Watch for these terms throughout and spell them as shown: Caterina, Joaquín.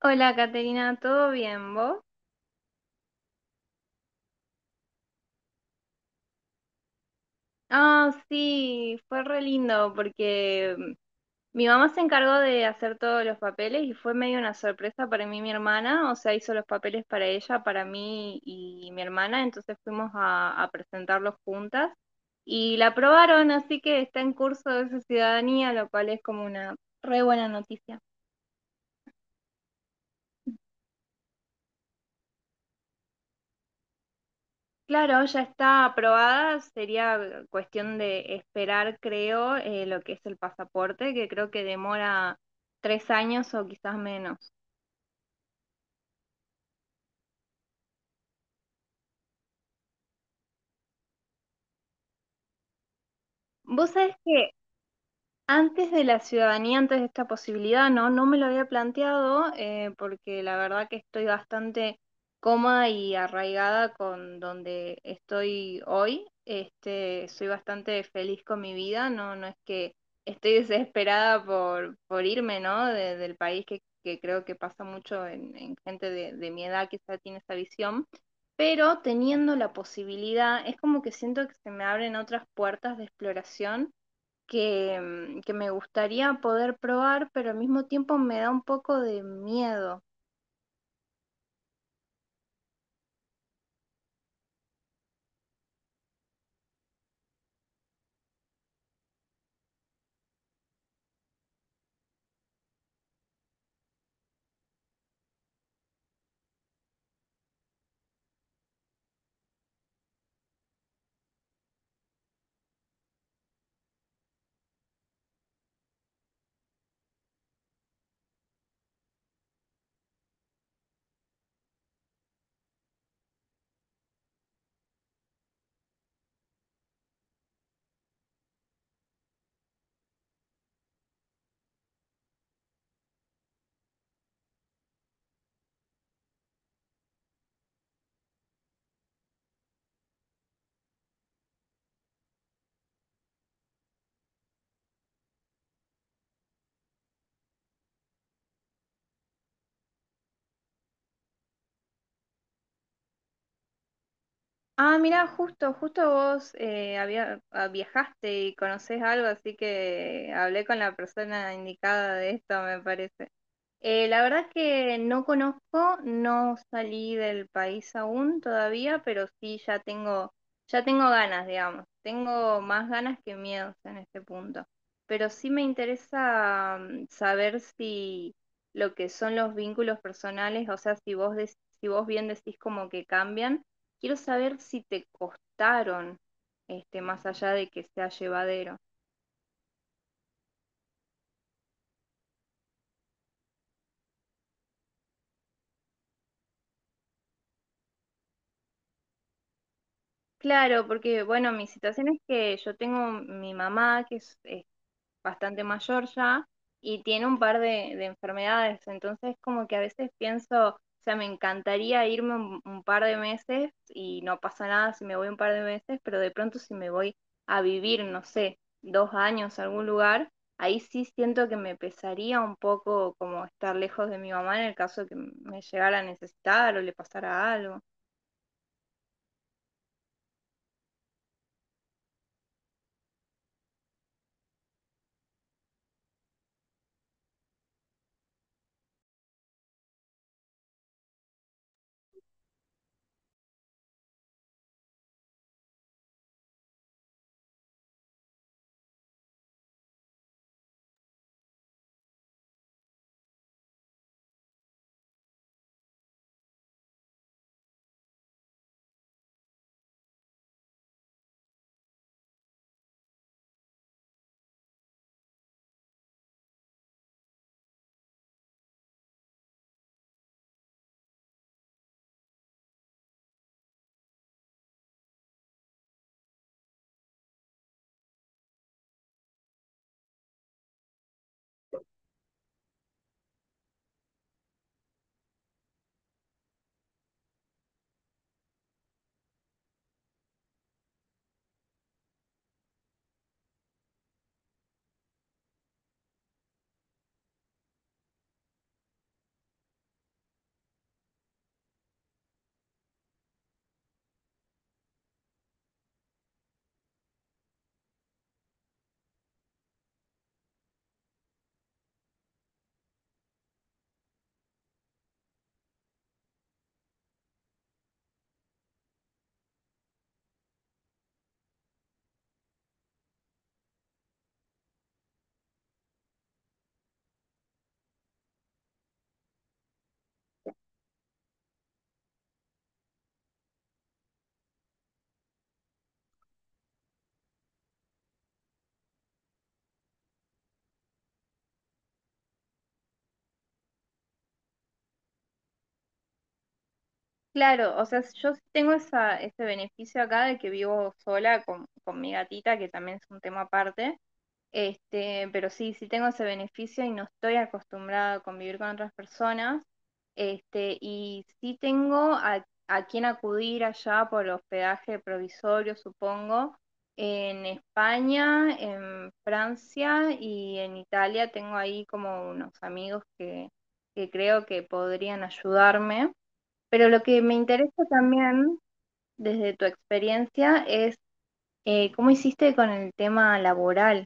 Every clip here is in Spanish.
Hola, Caterina, ¿todo bien, vos? Ah, sí, fue re lindo porque mi mamá se encargó de hacer todos los papeles y fue medio una sorpresa para mí y mi hermana, o sea, hizo los papeles para ella, para mí y mi hermana, entonces fuimos a presentarlos juntas y la aprobaron, así que está en curso de su ciudadanía, lo cual es como una re buena noticia. Claro, ya está aprobada, sería cuestión de esperar, creo, lo que es el pasaporte, que creo que demora tres años o quizás menos. Vos sabés que antes de la ciudadanía, antes de esta posibilidad, no me lo había planteado, porque la verdad que estoy bastante cómoda y arraigada con donde estoy hoy. Este, soy bastante feliz con mi vida, no es que estoy desesperada por irme, ¿no? Del país que creo que pasa mucho en gente de mi edad, que quizá tiene esa visión. Pero teniendo la posibilidad, es como que siento que se me abren otras puertas de exploración que, que me gustaría poder probar, pero al mismo tiempo me da un poco de miedo. Ah, mira, justo, justo vos, viajaste y conocés algo, así que hablé con la persona indicada de esto, me parece. La verdad que no conozco, no salí del país aún todavía, pero sí ya tengo ganas, digamos. Tengo más ganas que miedos en este punto. Pero sí me interesa, saber si lo que son los vínculos personales, o sea, si vos, si vos bien decís como que cambian. Quiero saber si te costaron, este, más allá de que sea llevadero. Claro, porque bueno, mi situación es que yo tengo mi mamá que es bastante mayor ya y tiene un par de enfermedades, entonces como que a veces pienso, o sea, me encantaría irme un par de meses y no pasa nada si me voy un par de meses, pero de pronto si me voy a vivir, no sé, dos años a algún lugar, ahí sí siento que me pesaría un poco como estar lejos de mi mamá en el caso que me llegara a necesitar o le pasara algo. Claro, o sea, yo sí tengo esa, ese beneficio acá de que vivo sola con mi gatita, que también es un tema aparte. Este, pero sí, sí tengo ese beneficio y no estoy acostumbrada a convivir con otras personas. Este, y sí tengo a quién acudir allá por hospedaje provisorio, supongo. En España, en Francia y en Italia tengo ahí como unos amigos que creo que podrían ayudarme. Pero lo que me interesa también, desde tu experiencia, es, cómo hiciste con el tema laboral.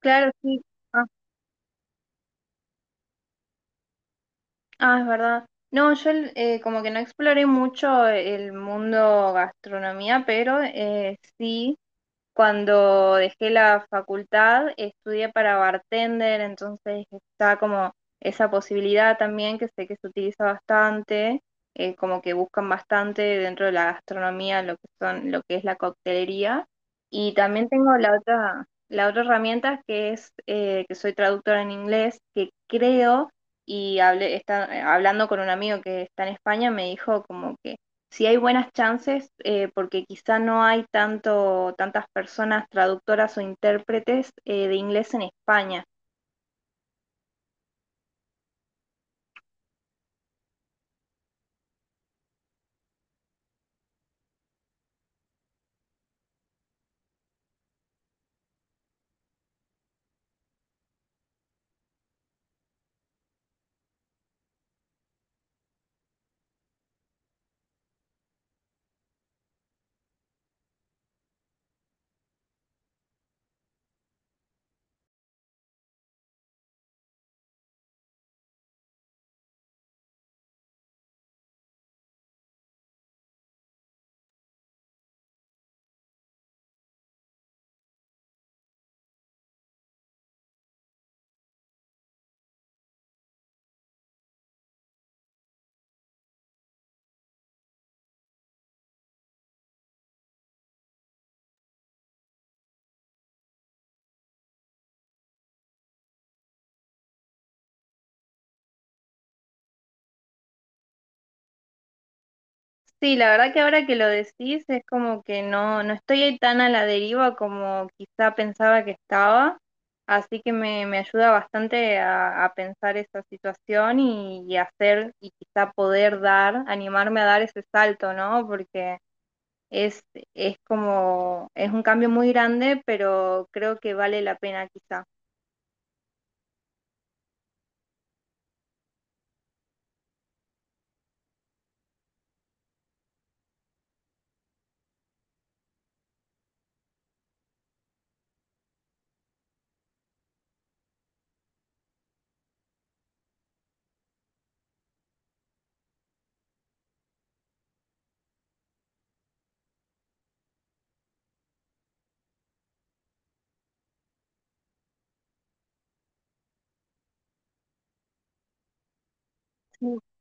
Claro, sí. ah, Ah, es verdad. No, yo, como que no exploré mucho el mundo gastronomía, pero sí. Cuando dejé la facultad, estudié para bartender, entonces está como esa posibilidad también que sé que se utiliza bastante, como que buscan bastante dentro de la gastronomía lo que son, lo que es la coctelería. Y también tengo la otra herramienta que es que soy traductora en inglés, que creo y hablé, está, hablando con un amigo que está en España, me dijo como que si hay buenas chances, porque quizá no hay tanto, tantas personas traductoras o intérpretes, de inglés en España. Sí, la verdad que ahora que lo decís es como que no, no estoy ahí tan a la deriva como quizá pensaba que estaba, así que me ayuda bastante a pensar esa situación y hacer y quizá poder dar, animarme a dar ese salto, ¿no? Porque es, es como, es un cambio muy grande, pero creo que vale la pena quizá.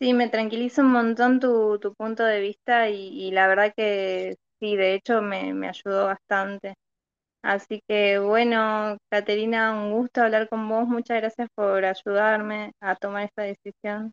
Sí, me tranquiliza un montón tu, tu punto de vista y la verdad que sí, de hecho me, me ayudó bastante. Así que bueno, Caterina, un gusto hablar con vos. Muchas gracias por ayudarme a tomar esta decisión.